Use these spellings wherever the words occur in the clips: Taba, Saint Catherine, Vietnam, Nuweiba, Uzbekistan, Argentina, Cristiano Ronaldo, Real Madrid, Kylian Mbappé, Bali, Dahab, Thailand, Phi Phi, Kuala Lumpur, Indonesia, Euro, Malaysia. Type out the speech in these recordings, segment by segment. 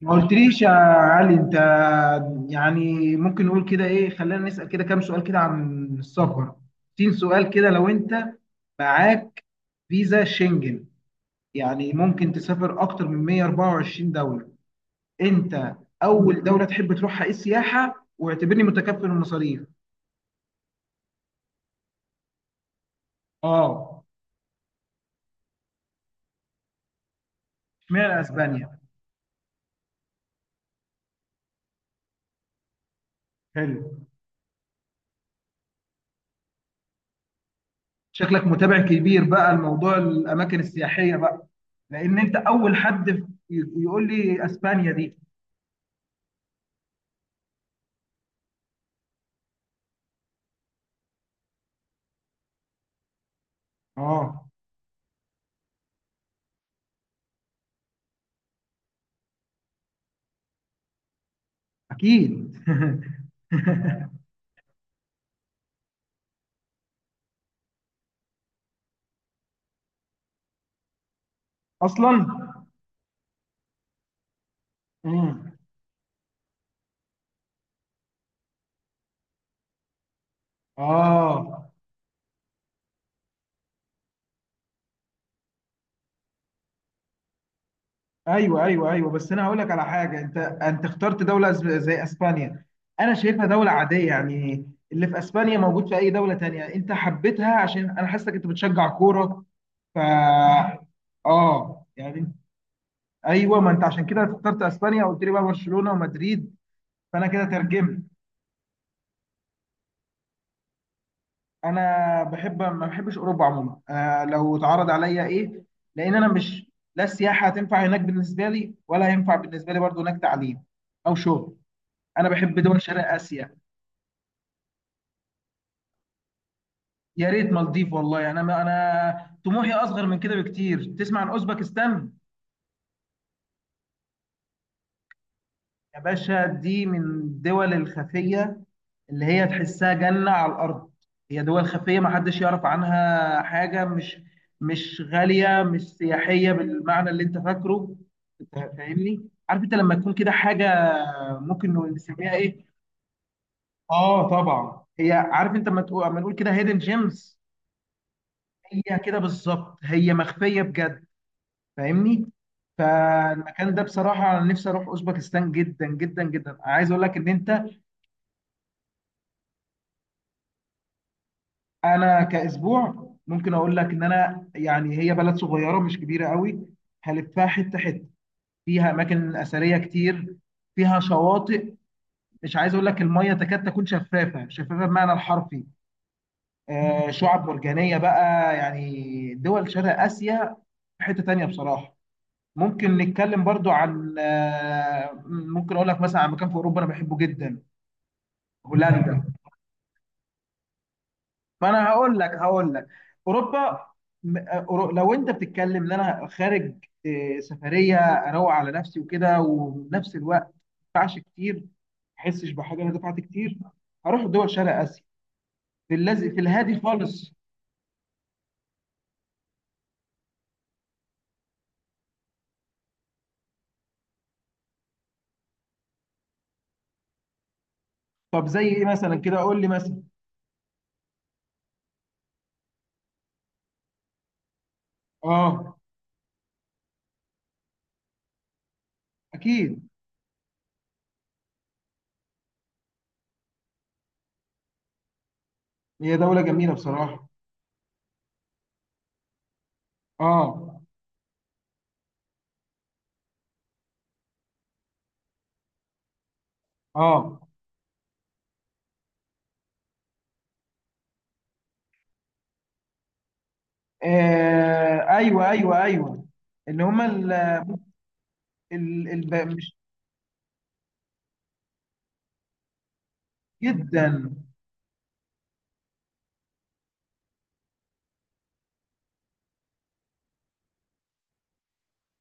ما قلتليش يا علي انت. يعني ممكن نقول كده، ايه، خلينا نسأل كده كام سؤال كده عن السفر. 60 سؤال كده، لو انت معاك فيزا شنجن يعني ممكن تسافر اكتر من 124 دولة. انت اول دولة تحب تروحها ايه السياحة، واعتبرني متكفل المصاريف. اه. اشمعنى اسبانيا؟ حلو. شكلك متابع كبير بقى لموضوع الاماكن السياحية بقى. لان انت اول حد يقول لي اسبانيا دي. اه، اكيد. اصلا. امم. اه. ايوه ايوه ايوه، بس انا هقول لك على حاجه. انت اخترت دوله زي اسبانيا. انا شايفها دوله عاديه يعني. اللي في اسبانيا موجود في اي دوله تانية. انت حبيتها عشان انا حاسسك انت بتشجع كوره. ف اه يعني. ايوه، ما انت عشان كده اخترت اسبانيا وقلت لي بقى برشلونه ومدريد، فانا كده ترجمت. انا بحب، ما بحبش اوروبا عموما. لو اتعرض عليا ايه، لان انا مش، لا السياحه هتنفع هناك بالنسبه لي، ولا هينفع بالنسبه لي برضو هناك تعليم او شغل. انا بحب دول شرق اسيا. يا ريت مالديف، والله انا، ما انا طموحي اصغر من كده بكتير. تسمع عن اوزبكستان؟ يا باشا دي من الدول الخفيه، اللي هي تحسها جنة على الأرض. هي دول خفية محدش يعرف عنها حاجة، مش غالية، مش سياحية بالمعنى اللي أنت فاكره. أنت فاهمني؟ عارف أنت لما تكون كده حاجة، ممكن نسميها إيه؟ آه طبعا. هي، عارف أنت، لما نقول كده، هيدن جيمز، هي كده بالظبط، هي مخفية بجد. فاهمني؟ فالمكان ده بصراحة، أنا نفسي أروح أوزبكستان جدا جدا جدا. عايز أقول لك إن أنت، انا كاسبوع ممكن اقول لك ان انا، يعني هي بلد صغيره مش كبيره قوي. هلفها حته حته. فيها اماكن اثريه كتير، فيها شواطئ. مش عايز اقول لك، الميه تكاد تكون شفافه شفافه بمعنى الحرفي. آه، شعاب مرجانيه بقى، يعني دول شرق اسيا. في حته تانيه بصراحه، ممكن نتكلم برضو عن، ممكن اقول لك مثلا عن مكان في اوروبا انا بحبه جدا. هولندا. ما انا هقول لك اوروبا. لو انت بتتكلم ان انا خارج، سفريه اروق على نفسي وكده، وفي نفس الوقت ما ادفعش كتير، ما احسش بحاجه انا دفعت كتير، هروح دول شرق اسيا، في الهادي خالص. طب زي ايه مثلا، كده قول لي مثلا. اه، اكيد. هي دوله جميله بصراحه. اه. اه. آه، ايوه ايوه ايوه. اللي هم ال... ال... ال... مش جدا.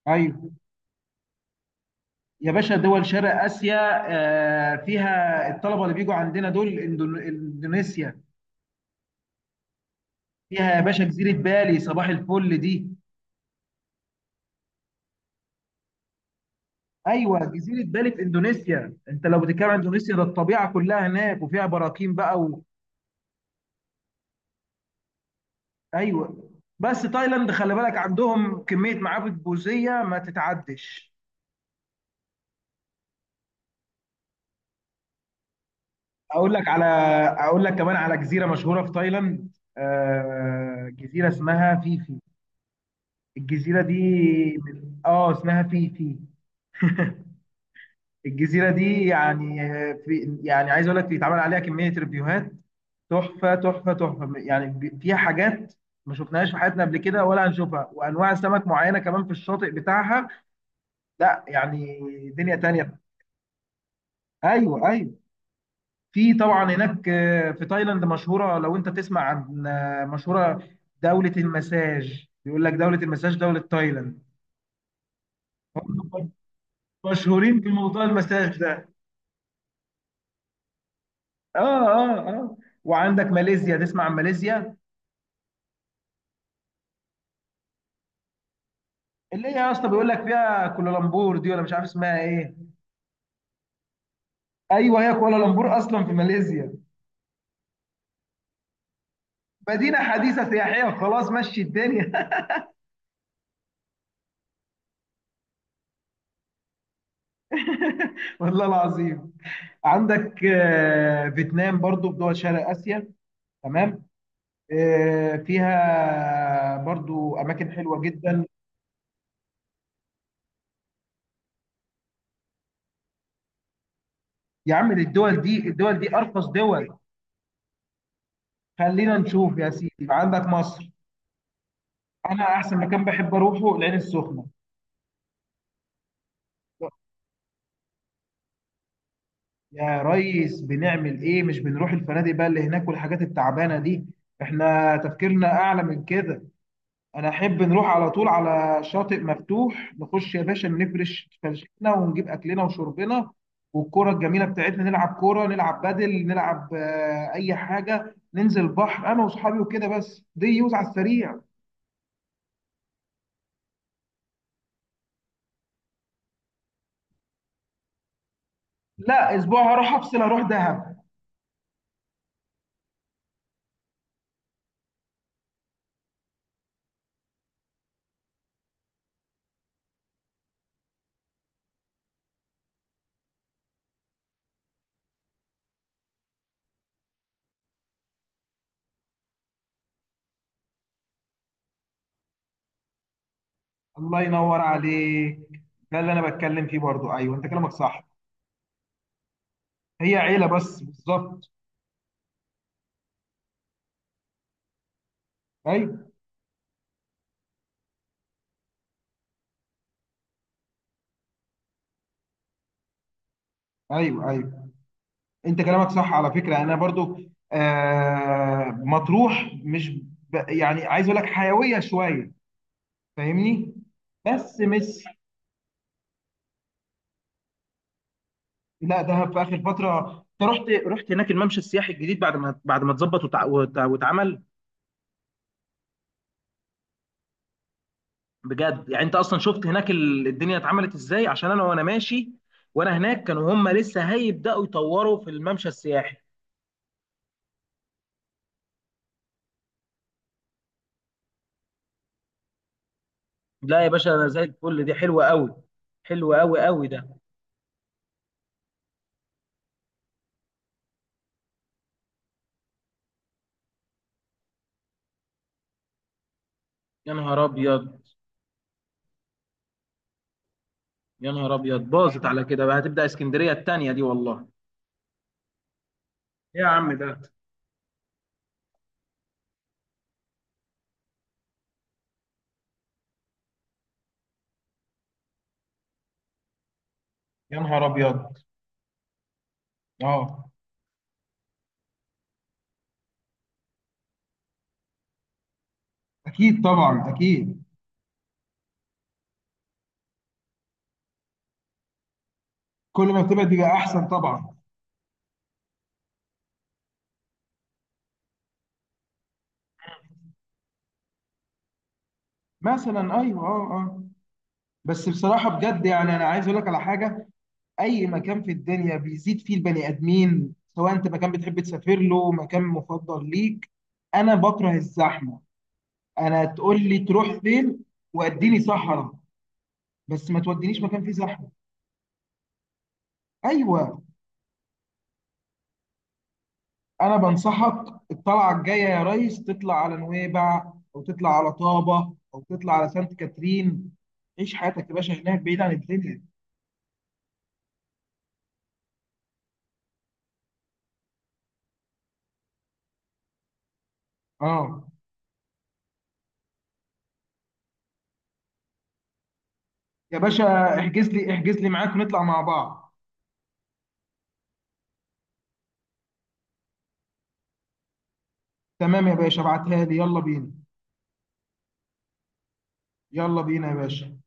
ايوه يا باشا، دول شرق آسيا. فيها الطلبة اللي بيجوا عندنا دول إندونيسيا. فيها يا باشا جزيرة بالي، صباح الفل دي. أيوة، جزيرة بالي في إندونيسيا. أنت لو بتتكلم عن إندونيسيا، ده الطبيعة كلها هناك، وفيها براكين بقى و... أيوة. بس تايلاند، خلي بالك عندهم كمية معابد بوذية ما تتعدش. أقول لك على أقول لك كمان على جزيرة مشهورة في تايلاند. آه، جزيرة اسمها فيفي. الجزيرة دي، من... آه اسمها فيفي. الجزيرة دي يعني، في يعني، عايز اقول لك بيتعمل عليها كمية ريفيوهات، تحفة تحفة تحفة. يعني فيها حاجات ما شفناهاش في حياتنا قبل كده، ولا هنشوفها، وانواع سمك معينة كمان في الشاطئ بتاعها. لا، يعني دنيا تانية. ايوه ايوه. في طبعا هناك، في تايلاند مشهورة، لو انت تسمع عن، مشهورة دولة المساج، بيقول لك دولة المساج دولة تايلاند. هم مشهورين بموضوع المساج ده. اه. اه اه. وعندك ماليزيا، تسمع عن ماليزيا، اللي هي يا اسطى بيقول لك فيها كوالالمبور دي ولا مش عارف اسمها ايه. ايوه، هي كوالالمبور اصلا في ماليزيا. مدينه حديثه سياحيه، وخلاص مشي الدنيا. والله العظيم. عندك فيتنام برضو في دول شرق اسيا، تمام. فيها برضو اماكن حلوه جدا. يا عم الدول دي، ارخص دول. خلينا نشوف يا سيدي. عندك مصر. انا احسن مكان بحب اروحه العين السخنه. يا ريس بنعمل ايه؟ مش بنروح الفنادق بقى اللي هناك والحاجات التعبانه دي. احنا تفكيرنا اعلى من كده. انا احب نروح على طول على شاطئ مفتوح، نخش يا باشا، نفرش فرشتنا، ونجيب اكلنا وشربنا والكرة الجميله بتاعتنا، نلعب كوره، نلعب بدل، نلعب اي حاجه، ننزل بحر انا واصحابي وكده، بس دي يوز على السريع. لا، اسبوع هروح افصل، اروح دهب. الله ينور عليك. ده اللي انا بتكلم فيه برضو، ايوه انت كلامك صح. هي عيله بس بالظبط. ايوه ايوه ايوه، انت كلامك صح على فكره. انا برضو آه، مطروح مش، يعني عايز اقول لك حيويه شويه. فاهمني؟ بس مش، لا، دهب في اخر فتره. انت رحت هناك الممشى السياحي الجديد، بعد ما اتظبط، واتعمل. بجد يعني، انت اصلا شفت هناك الدنيا اتعملت ازاي. عشان انا، وانا ماشي وانا هناك، كانوا هم لسه هيبداوا يطوروا في الممشى السياحي. لا يا باشا، انا زي الفل، دي حلوه قوي، حلوه قوي قوي ده. يا نهار ابيض. يا نهار ابيض، باظت على كده بقى، هتبدا اسكندريه التانيه دي والله. ايه يا عم ده. يا نهار ابيض. اه اكيد، طبعا اكيد. كل ما بتبعد بيبقى احسن طبعا. مثلا ايوه. اه اه. بس بصراحه بجد، يعني انا عايز اقول لك على حاجه. اي مكان في الدنيا بيزيد فيه البني ادمين، سواء انت مكان بتحب تسافر له، مكان مفضل ليك، انا بكره الزحمه. انا تقول لي تروح فين؟ واديني صحراء، بس ما تودينيش مكان فيه زحمه. ايوه، انا بنصحك، الطلعه الجايه يا ريس، تطلع على نويبع، او تطلع على طابه، او تطلع على سانت كاترين. عيش حياتك يا باشا هناك بعيد عن الدنيا. اه. يا باشا، احجز لي معاك ونطلع مع بعض. تمام يا باشا، ابعتها لي. يلا بينا. يلا بينا يا باشا.